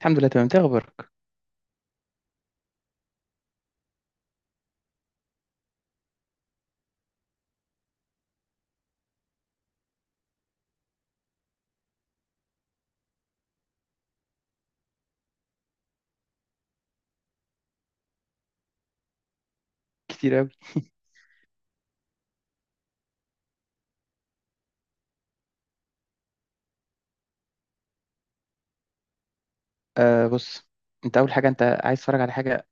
الحمد لله تمام، انت ايه اخبارك؟ كتير قوي. بص، انت اول حاجه، انت عايز تتفرج على حاجه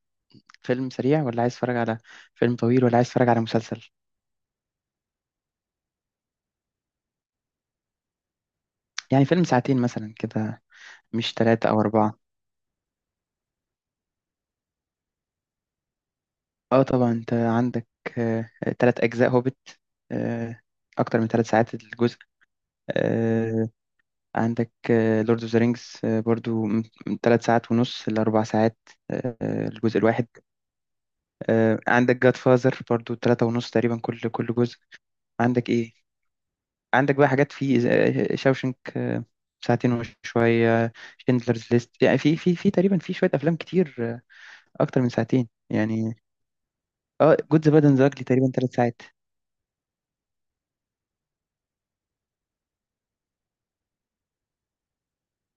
فيلم سريع، ولا عايز تتفرج على فيلم طويل، ولا عايز تتفرج على مسلسل؟ يعني فيلم ساعتين مثلا كده. مش ثلاثة او اربعة؟ اه طبعا، انت عندك آه 3 اجزاء هوبت، آه اكتر من 3 ساعات الجزء. آه عندك لورد اوف ذا رينجز، برضو من ثلاث ساعات ونص لاربع ساعات، الجزء الواحد. عندك جاد فازر برضو ثلاثة ونص تقريبا كل جزء. عندك ايه، عندك بقى حاجات في شاوشنك، ساعتين وشوية، شندلرز ليست، يعني في تقريبا في شوية أفلام كتير، أكتر من ساعتين يعني. اه جود ذا باد أند ذا تقريبا 3 ساعات.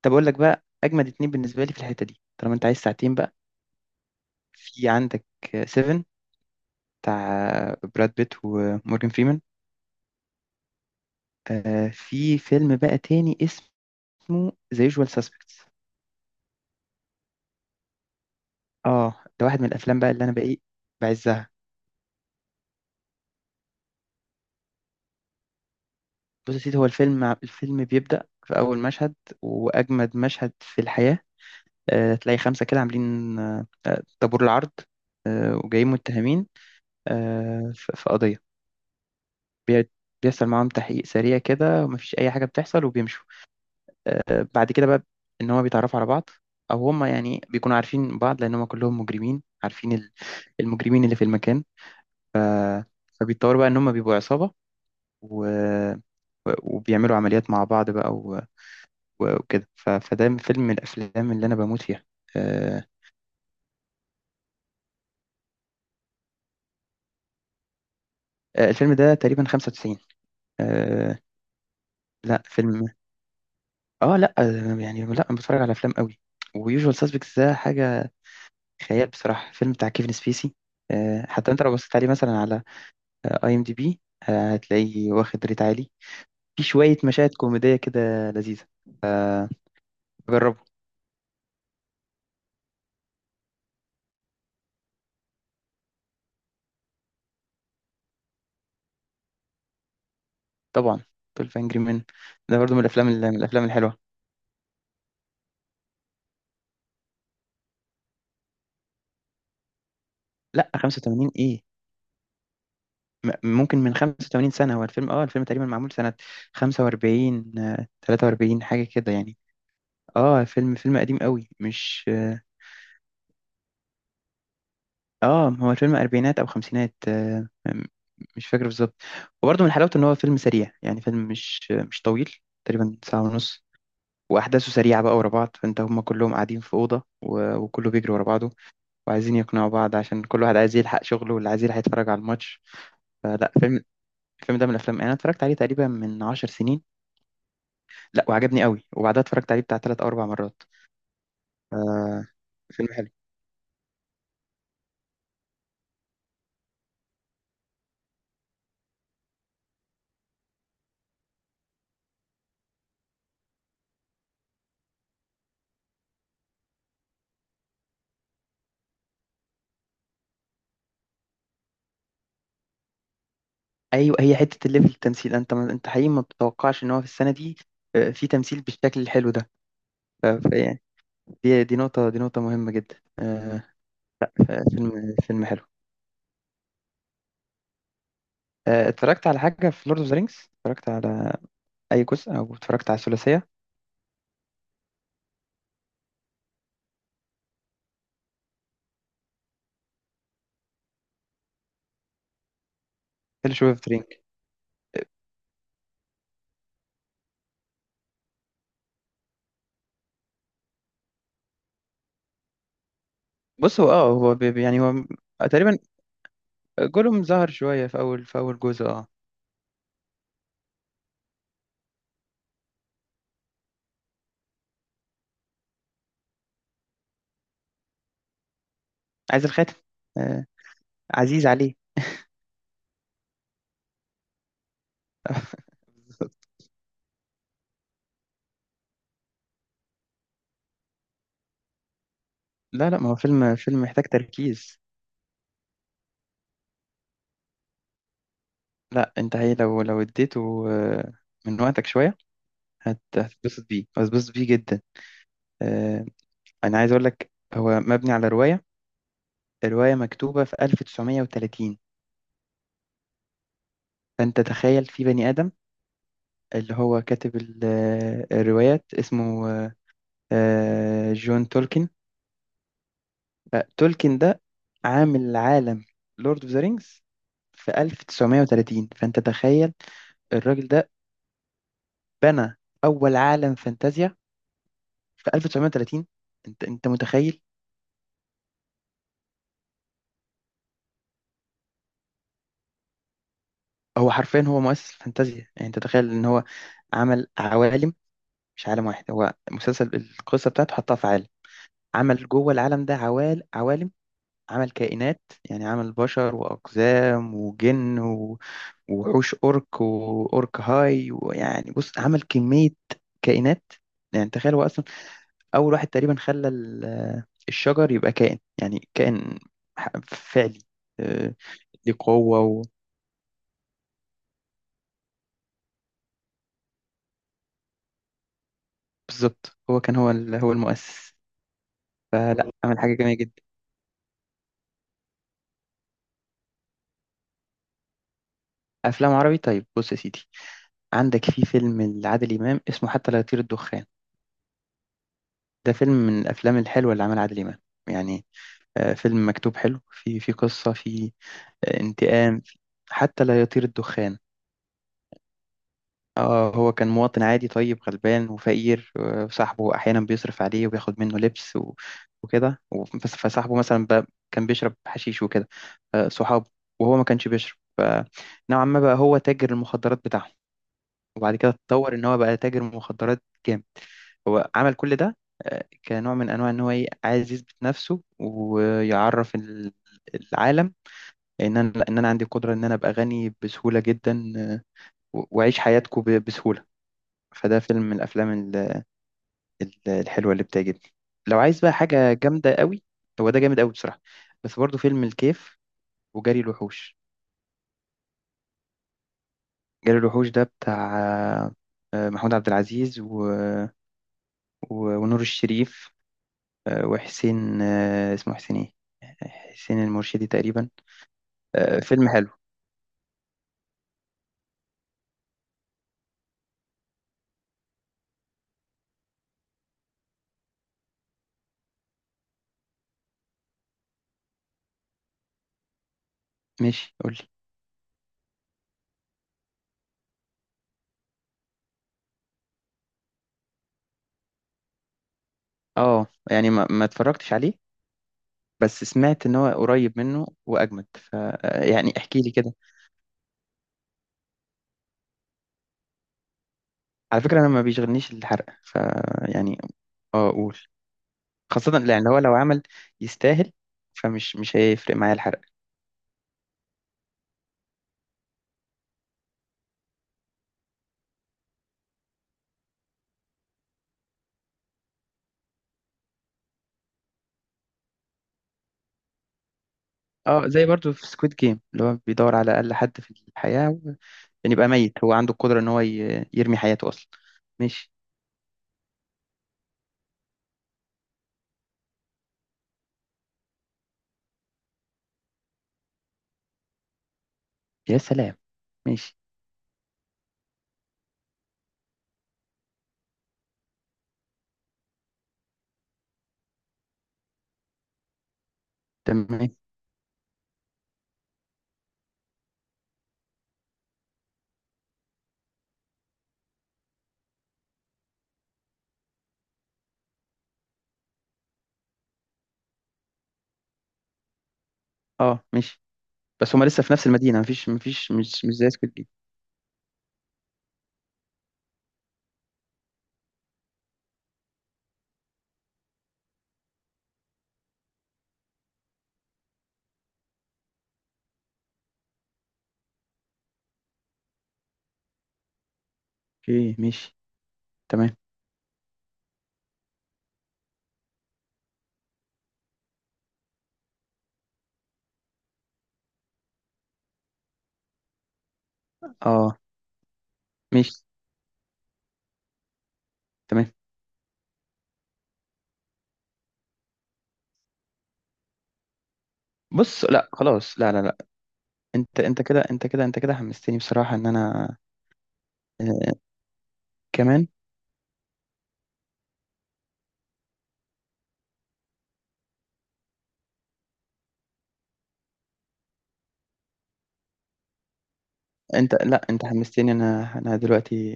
طب أقول لك بقى أجمد اتنين بالنسبة لي في الحتة دي طالما أنت عايز ساعتين بقى. في عندك سيفن، بتاع براد بيت ومورجان فريمان. في فيلم بقى تاني اسمه ذا يوجوال ساسبكتس. اه ده واحد من الأفلام بقى اللي أنا بقى إيه بعزها. بص يا سيدي، هو الفيلم بيبدأ في أول مشهد، وأجمد مشهد في الحياة. تلاقي خمسة كده عاملين طابور العرض، وجايين متهمين في قضية. بي- بيحصل معاهم تحقيق سريع كده، ومفيش أي حاجة بتحصل وبيمشوا. بعد كده بقى إن هما بيتعرفوا على بعض. أو هما يعني بيكونوا عارفين بعض، لأن هما كلهم مجرمين عارفين المجرمين اللي في المكان. فبيتطوروا بقى إن هما بيبقوا عصابة، و... وبيعملوا عمليات مع بعض بقى وكده. ف- فده فيلم من الافلام اللي انا بموت فيها. آه، الفيلم ده تقريبا 95. آه، لا فيلم، اه لا، يعني لا، أنا بتفرج على افلام قوي. ويوجوال سسبكتس ده حاجه خيال بصراحه، فيلم بتاع كيفن سبيسي. حتى انت لو بصيت عليه مثلا على اي ام دي بي، هتلاقيه واخد ريت عالي. في شويه مشاهد كوميديه كده لذيذه. آه، جربه. طبعا، 12 انجري مان ده برضو من الافلام الحلوه. لا 85 ايه؟ ممكن من 85 سنة هو الفيلم، اه الفيلم تقريبا معمول سنة 45، 43 حاجة كده يعني. اه فيلم قديم قوي، مش اه. هو الفيلم أربعينات أو خمسينات، مش فاكر بالظبط. وبرضه من حلاوته إن هو فيلم سريع، يعني فيلم مش طويل، تقريبا ساعة ونص. وأحداثه سريعة بقى ورا بعض، فأنت هما كلهم قاعدين في أوضة، و- وكله بيجري ورا بعضه وعايزين يقنعوا بعض عشان كل واحد عايز يلحق شغله، واللي عايز يلحق يتفرج على الماتش. فلا فيلم الفيلم ده من الأفلام، يعني أنا اتفرجت عليه تقريبا من 10 سنين. لا وعجبني قوي، وبعدها اتفرجت عليه بتاع 3 او 4 مرات. آه فيلم حلو. ايوه، هي حته الليفل التمثيل، انت ما انت حقيقي ما بتتوقعش ان هو في السنه دي في تمثيل بالشكل الحلو ده. ف- فيعني دي نقطه مهمه جدا. فيلم حلو. اتفرجت على حاجه في لورد اوف ذا رينجز؟ اتفرجت على اي جزء، او اتفرجت على الثلاثيه؟ فيلوشيب اوف ذا؟ بص هو هو يعني هو تقريبا. جولهم ظهر شويه في اول جزء، اه. عايز الخاتم، آه عزيز عليه. لا لا، ما هو فيلم، محتاج تركيز. لا انت، هي لو اديته من وقتك شوية، هتتبسط بيه جدا. آه، انا عايز اقول لك هو مبني على رواية. الرواية مكتوبة في 1930. فانت تخيل في بني آدم اللي هو كاتب الروايات اسمه جون تولكن. تولكن ده عامل عالم لورد اوف ذا رينجز في 1930. فانت تخيل الراجل ده بنى اول عالم فانتازيا في 1930. انت متخيل؟ هو حرفيا هو مؤسس الفانتازيا. يعني انت تخيل ان هو عمل عوالم، مش عالم واحد. هو مسلسل، القصه بتاعته حطها في عالم. عمل جوه العالم ده عوالم. عمل كائنات، يعني عمل بشر واقزام وجن و- ووحوش، اورك واورك هاي، ويعني بص عمل كميه كائنات. يعني تخيل هو اصلا اول واحد تقريبا خلى الشجر يبقى كائن، يعني كائن فعلي. آه، ليه قوه. بالظبط، هو كان هو المؤسس. فلا مم. عمل حاجة جميلة جدا. أفلام عربي؟ طيب بص يا سيدي، عندك في فيلم لعادل إمام اسمه حتى لا يطير الدخان. ده فيلم من الأفلام الحلوة اللي عملها عادل إمام، يعني فيلم مكتوب حلو، في قصة في انتقام. حتى لا يطير الدخان. اه هو كان مواطن عادي طيب غلبان وفقير، وصاحبه احيانا بيصرف عليه وبياخد منه لبس وكده. فصاحبه مثلا كان بيشرب حشيش وكده، صحابه. وهو ما كانش بيشرب، فنوعا ما بقى هو تاجر المخدرات بتاعهم. وبعد كده اتطور ان هو بقى تاجر مخدرات جامد. هو عمل كل ده كنوع من انواع ان هو ايه عايز يثبت نفسه، ويعرف العالم. ان انا عندي قدرة ان انا ابقى غني بسهولة جدا، و- واعيش حياتكم بسهولة. فده فيلم من الافلام الحلوة اللي بتعجبني. لو عايز بقى حاجة جامدة قوي، هو ده جامد قوي بصراحة. بس برضه فيلم الكيف وجري الوحوش. جري الوحوش ده بتاع محمود عبد العزيز و... و... ونور الشريف، وحسين، اسمه حسين ايه، حسين المرشدي تقريبا. فيلم حلو. ماشي قولي. اه يعني ما اتفرجتش عليه، بس سمعت ان هو قريب منه واجمد. ف آه، يعني احكي لي كده. على فكره انا ما بيشغلنيش الحرق ف يعني. اه قول. خاصه لان هو لو عمل، يستاهل. فمش مش هيفرق معايا الحرق. اه زي برضو في سكويد جيم، اللي هو بيدور على اقل حد في الحياه، يعني يبقى ميت هو عنده القدرة ان هو يرمي حياته اصلا. ماشي. يا سلام. ماشي. تمام. اه ماشي. بس هما لسه في نفس المدينة، مفيش مفيش مش زي سكوت جيم. اوكي ماشي. تمام. اه ماشي. تمام. بص لا خلاص، لا لا لا. انت كده حمستني بصراحة ان انا، آه كمان. انت لا، انت حمستني. انا دلوقتي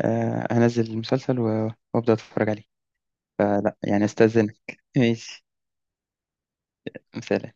هنزل المسلسل و- وابدا اتفرج عليه. فلا يعني استاذنك. ماشي، سلام.